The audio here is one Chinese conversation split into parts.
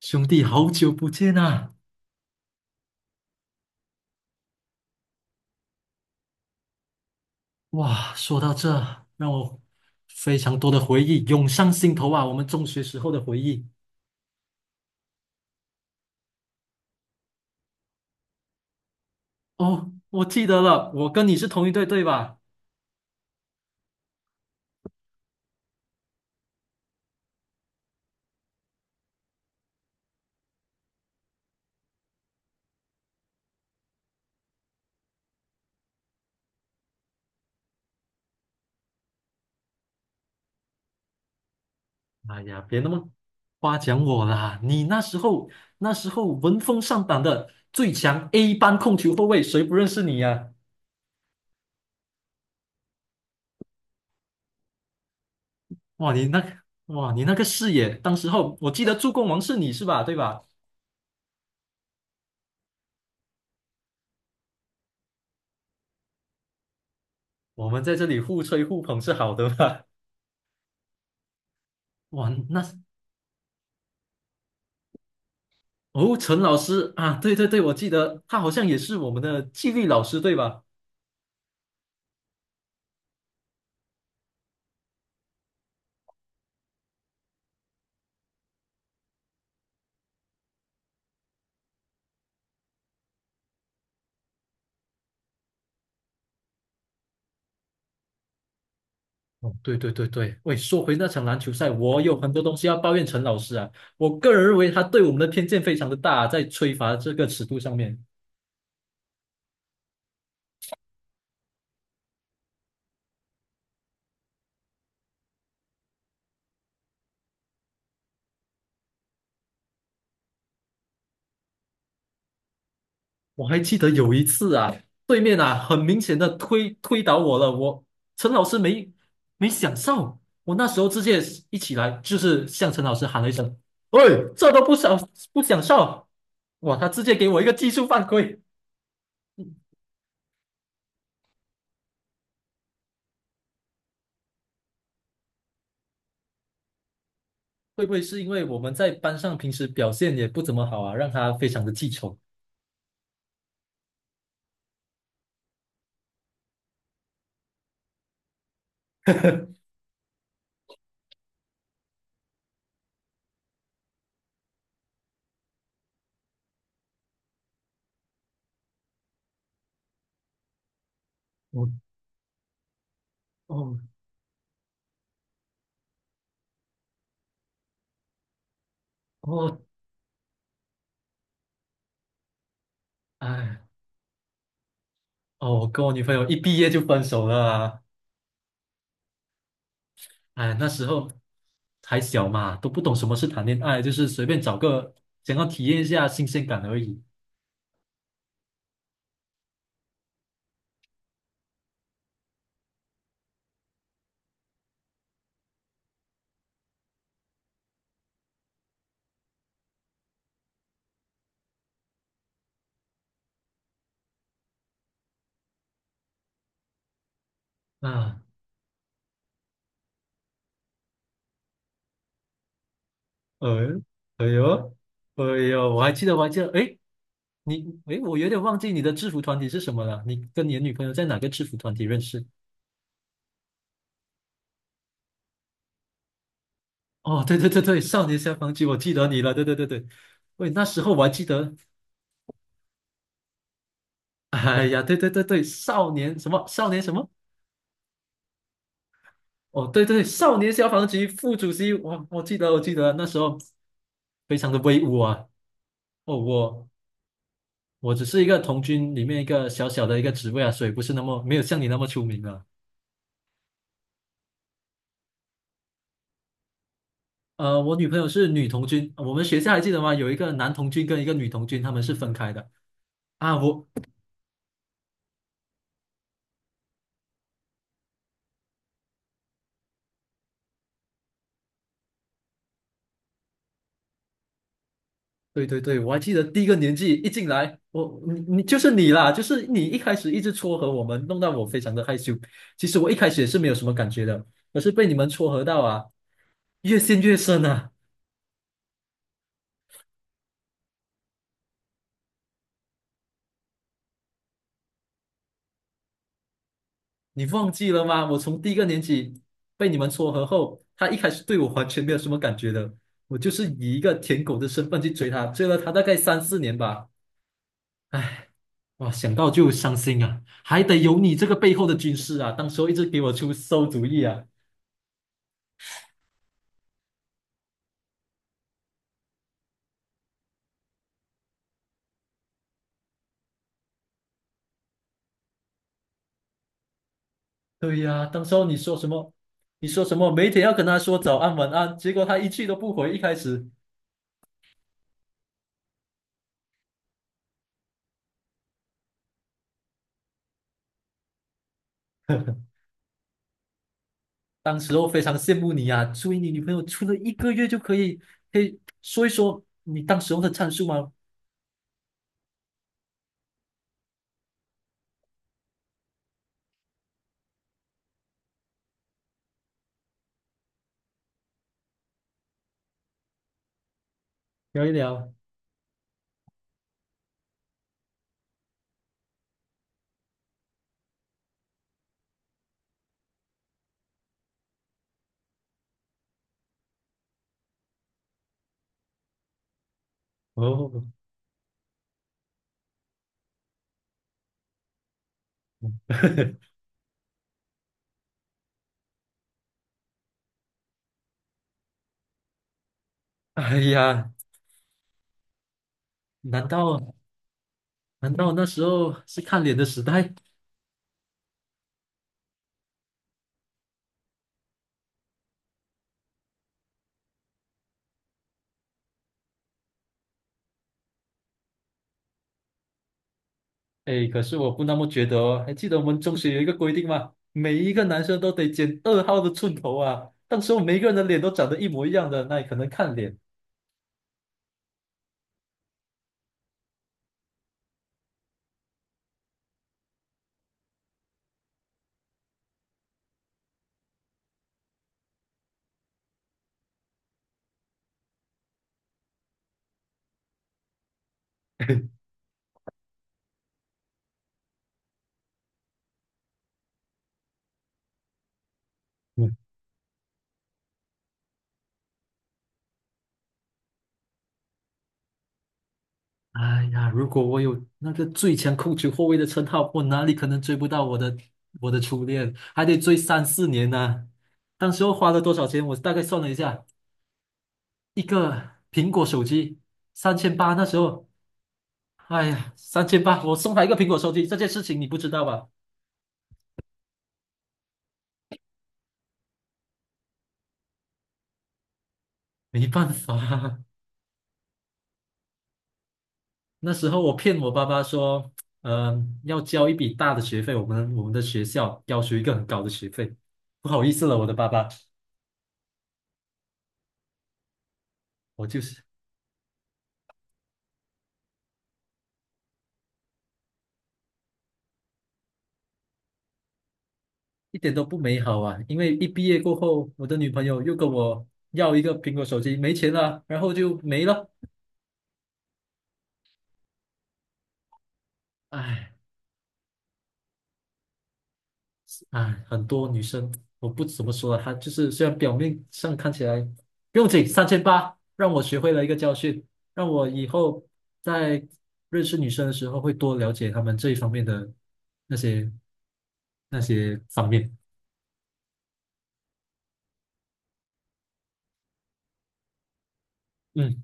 兄弟，好久不见啊！哇，说到这，让我非常多的回忆涌上心头啊，我们中学时候的回忆。哦，我记得了，我跟你是同一队，对吧？哎呀，别那么夸奖我啦！你那时候闻风丧胆的最强 A 班控球后卫，谁不认识你呀。哇，你那个哇，你那个视野，当时候我记得助攻王是你是吧？对吧？我们在这里互吹互捧是好的吧？哇，那哦，陈老师啊，对对对，我记得他好像也是我们的纪律老师，对吧？哦，对对对对，喂，说回那场篮球赛，我有很多东西要抱怨陈老师啊。我个人认为他对我们的偏见非常的大，在吹罚这个尺度上面，我还记得有一次啊，对面啊很明显的推倒我了，陈老师没享受，我那时候直接一起来就是向陈老师喊了一声：“喂，这都不享受！”哇，他直接给我一个技术犯规。会不会是因为我们在班上平时表现也不怎么好啊，让他非常的记仇？我哦哦，哎哦，我跟我女朋友一毕业就分手了啊！哎，那时候还小嘛，都不懂什么是谈恋爱，就是随便找个想要体验一下新鲜感而已啊。呃，哎呦，哎呦，我还记得，哎，我有点忘记你的制服团体是什么了。你跟你的女朋友在哪个制服团体认识？哦，对对对对，少年消防局，我记得你了，对对对对。喂，那时候我还记得。哎呀，对对对对，少年什么，哦，对对，少年消防局副主席，我记得那时候非常的威武啊。哦，我只是一个童军里面一个小小的一个职位啊，所以不是那么没有像你那么出名啊。我女朋友是女童军，我们学校还记得吗？有一个男童军跟一个女童军，他们是分开的啊。对对对，我还记得第一个年纪一进来，你就是你啦，就是你一开始一直撮合我们，弄到我非常的害羞。其实我一开始也是没有什么感觉的，可是被你们撮合到啊，越陷越深啊！你忘记了吗？我从第一个年级被你们撮合后，他一开始对我完全没有什么感觉的，我就是以一个舔狗的身份去追他，追了他大概三四年吧。哇，想到就伤心啊！还得有你这个背后的军师啊，当时候一直给我出馊主意啊。对呀，当时候你说什么？你说什么？每天要跟他说早安晚安，结果他一句都不回。一开始，当时候非常羡慕你呀，所以你女朋友处了一个月就可以，可以说一说你当时候的战术吗？聊一聊。哦，哎呀，难道难道那时候是看脸的时代？哎，可是我不那么觉得哦。还记得我们中学有一个规定吗？每一个男生都得剪2号的寸头啊。当时候每一个人的脸都长得一模一样的，那也可能看脸。嗯。哎呀，如果我有那个最强控球后卫的称号，我哪里可能追不到我的初恋？还得追三四年呢。当时候花了多少钱？我大概算了一下，一个苹果手机三千八，那时候，哎呀，三千八，我送他一个苹果手机，这件事情你不知道吧？没办法，那时候我骗我爸爸说，要交一笔大的学费，我们的学校要求一个很高的学费，不好意思了，我的爸爸。我就是一点都不美好啊！因为一毕业过后，我的女朋友又跟我要一个苹果手机，没钱了，然后就没了。唉，唉，很多女生我不怎么说了，她就是虽然表面上看起来不用紧，三千八让我学会了一个教训，让我以后在认识女生的时候会多了解她们这一方面的那些那些方面。嗯，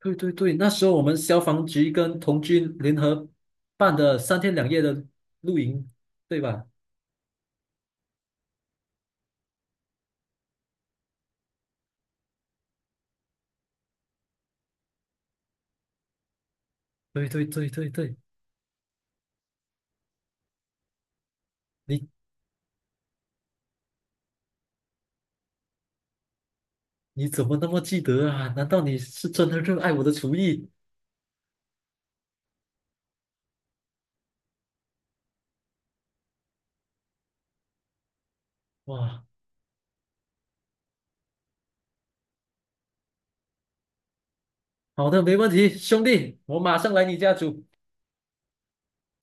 对对对，那时候我们消防局跟童军联合办的三天两夜的露营，对吧？对对对对对，你你怎么那么记得啊？难道你是真的热爱我的厨艺？哇，好的，没问题，兄弟，我马上来你家煮。